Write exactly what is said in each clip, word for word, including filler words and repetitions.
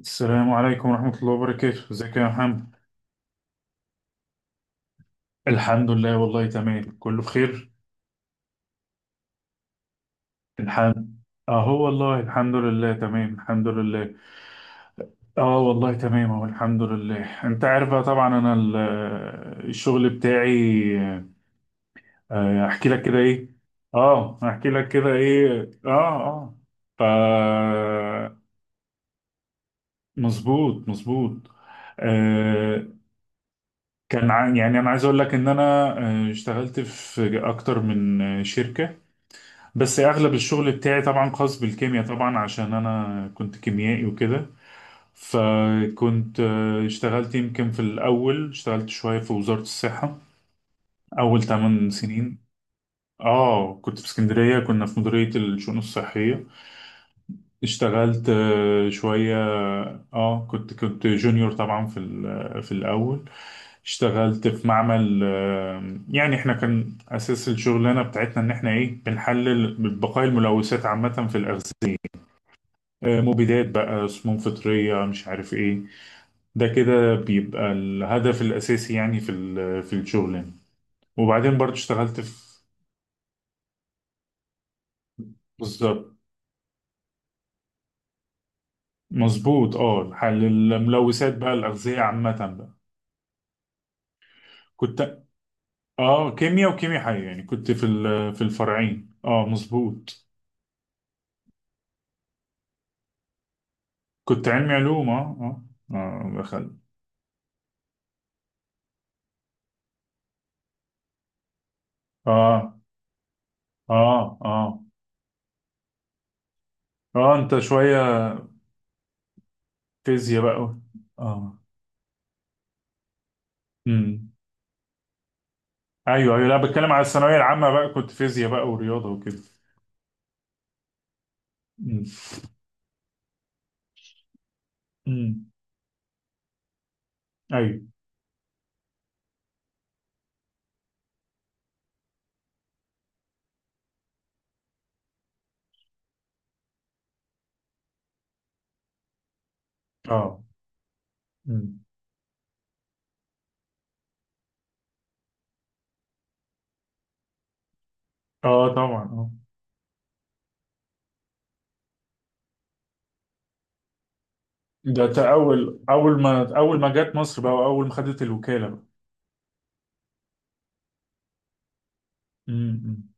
السلام عليكم ورحمة الله وبركاته، ازيك يا محمد؟ الحمد لله والله تمام، كله بخير. الحمد اهو والله الحمد لله تمام، الحمد لله. اه والله تمام اهو الحمد لله. انت عارف بقى، طبعا انا ال- الشغل بتاعي، آه، احكي لك كده ايه. اه احكي لك كده ايه، اه اه ف مظبوط مظبوط. آه، كان ع- يعني انا عايز اقول لك ان انا آه، اشتغلت في اكتر من آه، شركة، بس اغلب الشغل بتاعي طبعا خاص بالكيمياء، طبعا عشان انا كنت كيميائي وكده. فكنت آه، اشتغلت يمكن في الاول، اشتغلت شوية في وزارة الصحة اول 8 سنين. اه كنت في اسكندرية، كنا في مديرية الشؤون الصحية. اشتغلت آه، شوية. اه كنت كنت جونيور طبعا في ال- آه، في الاول. اشتغلت في معمل آه، يعني احنا كان اساس الشغلانة بتاعتنا ان احنا ايه بنحلل بقايا الملوثات عامة في الاغذية، آه، مبيدات بقى، سموم فطرية، مش عارف ايه. ده كده بيبقى الهدف الأساسي يعني في ال- في الشغل يعني. وبعدين برضو اشتغلت في، بالظبط. مظبوط، اه حل الملوثات بقى، الأغذية عامة بقى. كنت، اه كيمياء وكيمياء حية، يعني كنت في ال- في الفرعين، اه مظبوط. كنت علمي علوم، اه اه اه دخل، اه اه اه اه انت شوية فيزياء بقى. اه ايوه ايوه، لا بتكلم على الثانويه العامه بقى، كنت فيزياء بقى ورياضه وكده. امم امم ايوه، اه امم اه طبعا، اه ده تا- اول، اول ما اول ما جت مصر بقى، واول ما خدت الوكاله بقى. امم أمم.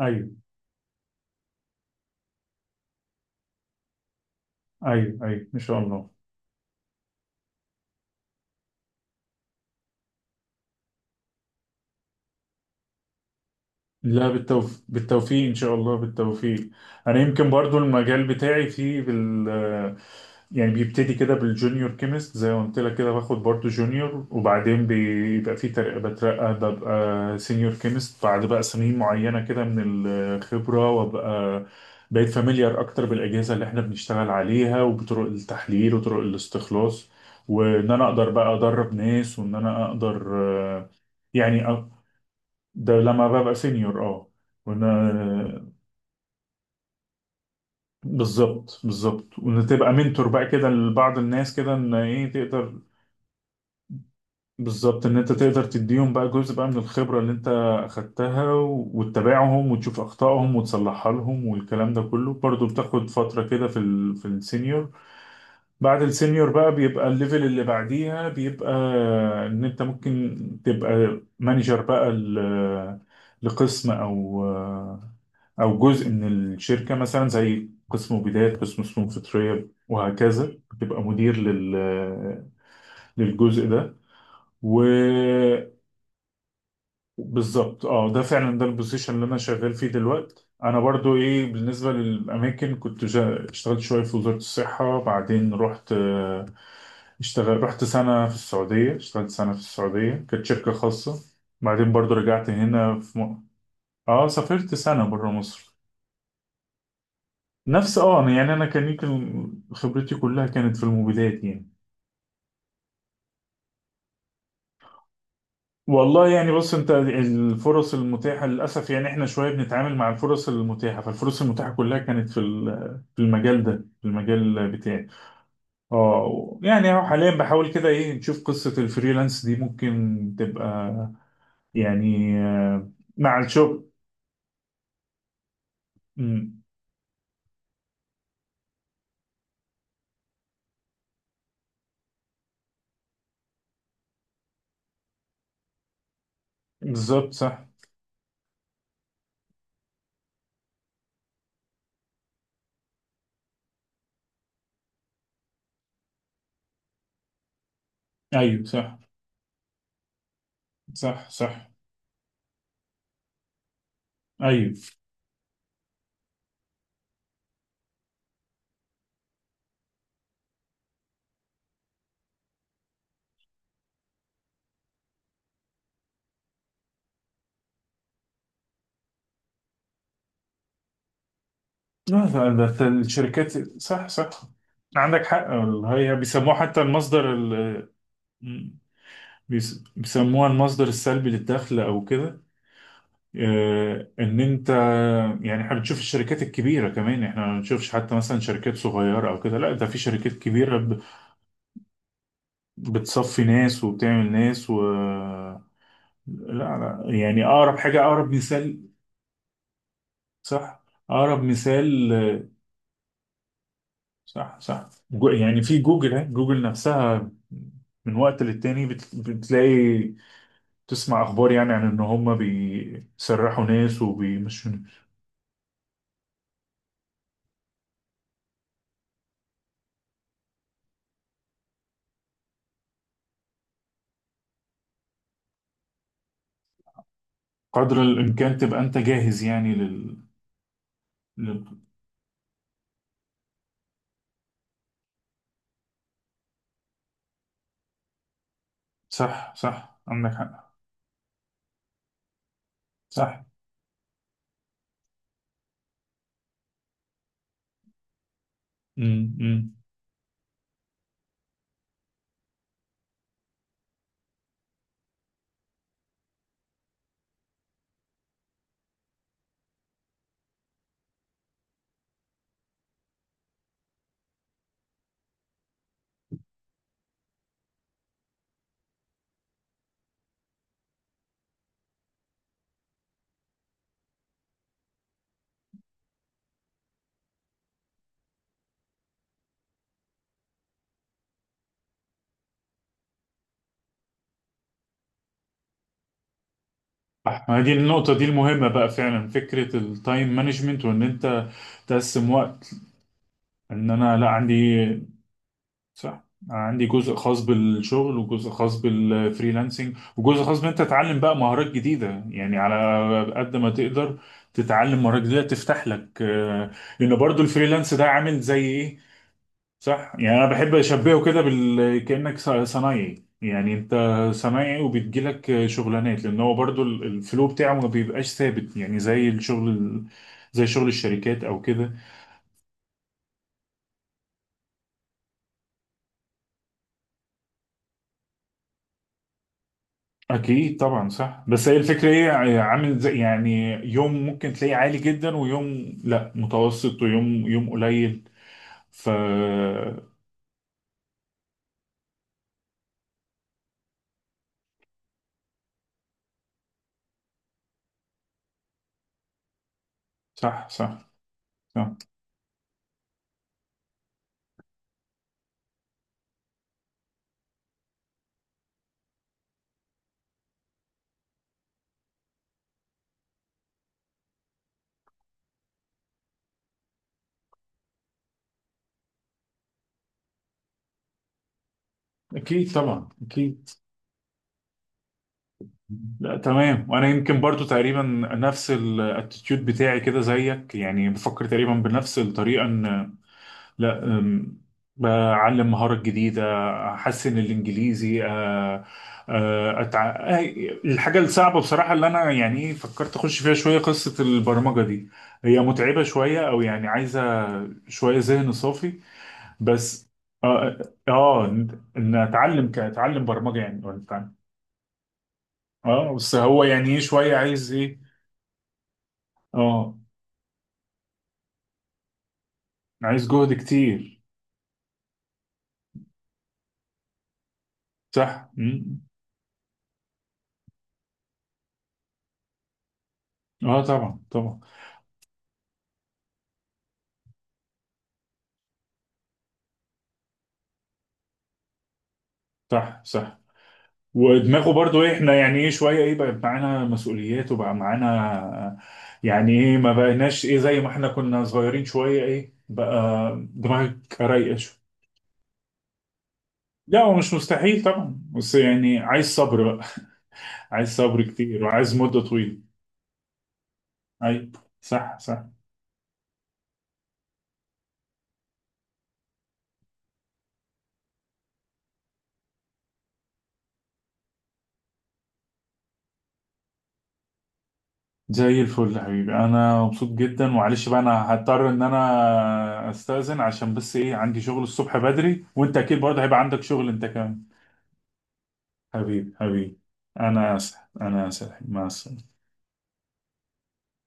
ايوه ايوه ايوه، ان شاء الله. لا بالتوف... بالتوفيق ان شاء الله، بالتوفيق. انا يمكن برضو المجال بتاعي فيه بال يعني، بيبتدي كده بالجونيور كيمست، زي ما قلت لك كده، باخد برضو جونيور، وبعدين بيبقى فيه ترقى، بترقى ببقى سينيور كيمست بعد بقى سنين معينة كده من الخبرة، وابقى بقيت فاميليار اكتر بالاجهزة اللي احنا بنشتغل عليها، وبطرق التحليل وطرق الاستخلاص، وان انا اقدر بقى ادرب ناس، وان انا اقدر آه، يعني، ده لما ببقى سينيور، اه وانا، بالظبط بالظبط. وان تبقى منتور بقى كده لبعض الناس كده، ان ايه، تقدر بالظبط ان انت تقدر تديهم بقى جزء بقى من الخبرة اللي انت اخدتها، و- وتتابعهم، وتشوف اخطائهم وتصلحها لهم، والكلام ده كله برضو بتاخد فترة كده في ال... في السينيور. بعد السينيور بقى بيبقى الليفل اللي بعديها، بيبقى ان انت ممكن تبقى مانجر بقى ل... لقسم، او او جزء من الشركه، مثلا زي قسم بدايات، قسم فنون فطريه، وهكذا. بتبقى مدير لل للجزء ده، وبالظبط. اه ده فعلا، ده البوزيشن اللي انا شغال فيه دلوقتي. انا برضو ايه، بالنسبه للاماكن، كنت جا- اشتغلت شويه في وزاره الصحه، بعدين رحت، آه، اشتغل رحت سنه في السعوديه، اشتغلت سنه في السعوديه، كانت شركه خاصه. بعدين برضو رجعت هنا في م... اه سافرت سنه بره مصر. نفس، اه يعني انا كان يمكن خبرتي كلها كانت في الموبيلات يعني. والله يعني بص، انت الفرص المتاحه للاسف، يعني احنا شويه بنتعامل مع الفرص المتاحه، فالفرص المتاحه كلها كانت في ال- في المجال ده، في المجال بتاعي. اه و- يعني اهو، حاليا بحاول كده ايه نشوف قصه الفريلانس دي ممكن تبقى، يعني آه، مع الشغل. مم، بالظبط صح. ايوه صح صح صح، ايوه. لا، ده ده ده الشركات. صح صح، عندك حق. هي بيسموه حتى المصدر ال... بيس- بيسموها المصدر السلبي للدخل او كده. آه، ان انت، يعني احنا بنشوف الشركات الكبيره كمان، احنا ما بنشوفش حتى مثلا شركات صغيره او كده، لا ده في شركات كبيره ب- بتصفي ناس وبتعمل ناس و، لا لا، يعني اقرب حاجه، اقرب مثال. صح، اقرب مثال. صح صح، جو يعني في جوجل ها جوجل نفسها، من وقت للتاني بت- بتلاقي تسمع اخبار، يعني عن ان هم بيسرحوا ناس وبيمشوا. قدر الامكان تبقى انت جاهز، يعني لل, لل... صح صح، عندك حق صح. امم صح. ما هي دي النقطة، دي المهمة بقى فعلا، فكرة التايم مانجمنت، وان انت تقسم وقت، ان انا، لا عندي، صح. عندي جزء خاص بالشغل، وجزء خاص بالفريلانسنج، وجزء خاص بان انت تتعلم بقى مهارات جديده، يعني على قد ما تقدر تتعلم مهارات جديده تفتح لك آه، لان برضو الفريلانس ده عامل زي ايه، صح. يعني انا بحب اشبهه كده بال... كانك ص- صنايعي، يعني انت صنايعي وبتجيلك شغلانات، لان هو برضو ال- الفلو بتاعه ما بيبقاش ثابت، يعني زي الشغل ال- زي شغل الشركات او كده. اكيد طبعا صح، بس هي الفكره ايه، يعني عامل زي، يعني يوم ممكن تلاقيه عالي جدا، ويوم لا متوسط، ويوم يوم قليل، ف صح صح صح، اكيد طبعا اكيد. لا تمام. وانا يمكن برضو تقريبا نفس الاتيتيود بتاعي كده زيك، يعني بفكر تقريبا بنفس الطريقه، ان، لا أم، أتعلم مهارات جديدة، أحسن الإنجليزي، أه، أه، أتع... أه، الحاجة الصعبة بصراحة اللي أنا يعني إيه فكرت أخش فيها شوية، قصة البرمجة دي، هي متعبة شوية، أو يعني عايزة شوية ذهن صافي، بس، آه آه إن، إن أتعلم، كأتعلم برمجة يعني، ولا أتعلم، آه بس هو يعني إيه شوية، عايز إيه، آه عايز جهد كتير، صح. مم. آه طبعا طبعا. صح صح. ودماغه برضو إيه، احنا يعني ايه شويه، ايه بقى معانا مسؤوليات، وبقى معانا، يعني ايه، ما بقيناش ايه زي ما احنا كنا صغيرين، شويه ايه بقى دماغك رايقه شويه. لا هو مش مستحيل طبعا، بس يعني عايز صبر بقى، عايز صبر كتير، وعايز مده طويله. اي، صح صح. زي الفل يا حبيبي، انا مبسوط جدا. معلش بقى، انا هضطر ان انا استاذن، عشان بس ايه عندي شغل الصبح بدري، وانت اكيد برضه هيبقى عندك شغل انت كمان. حبيبي حبيبي، أنا آسف أنا آسف، مع السلامة.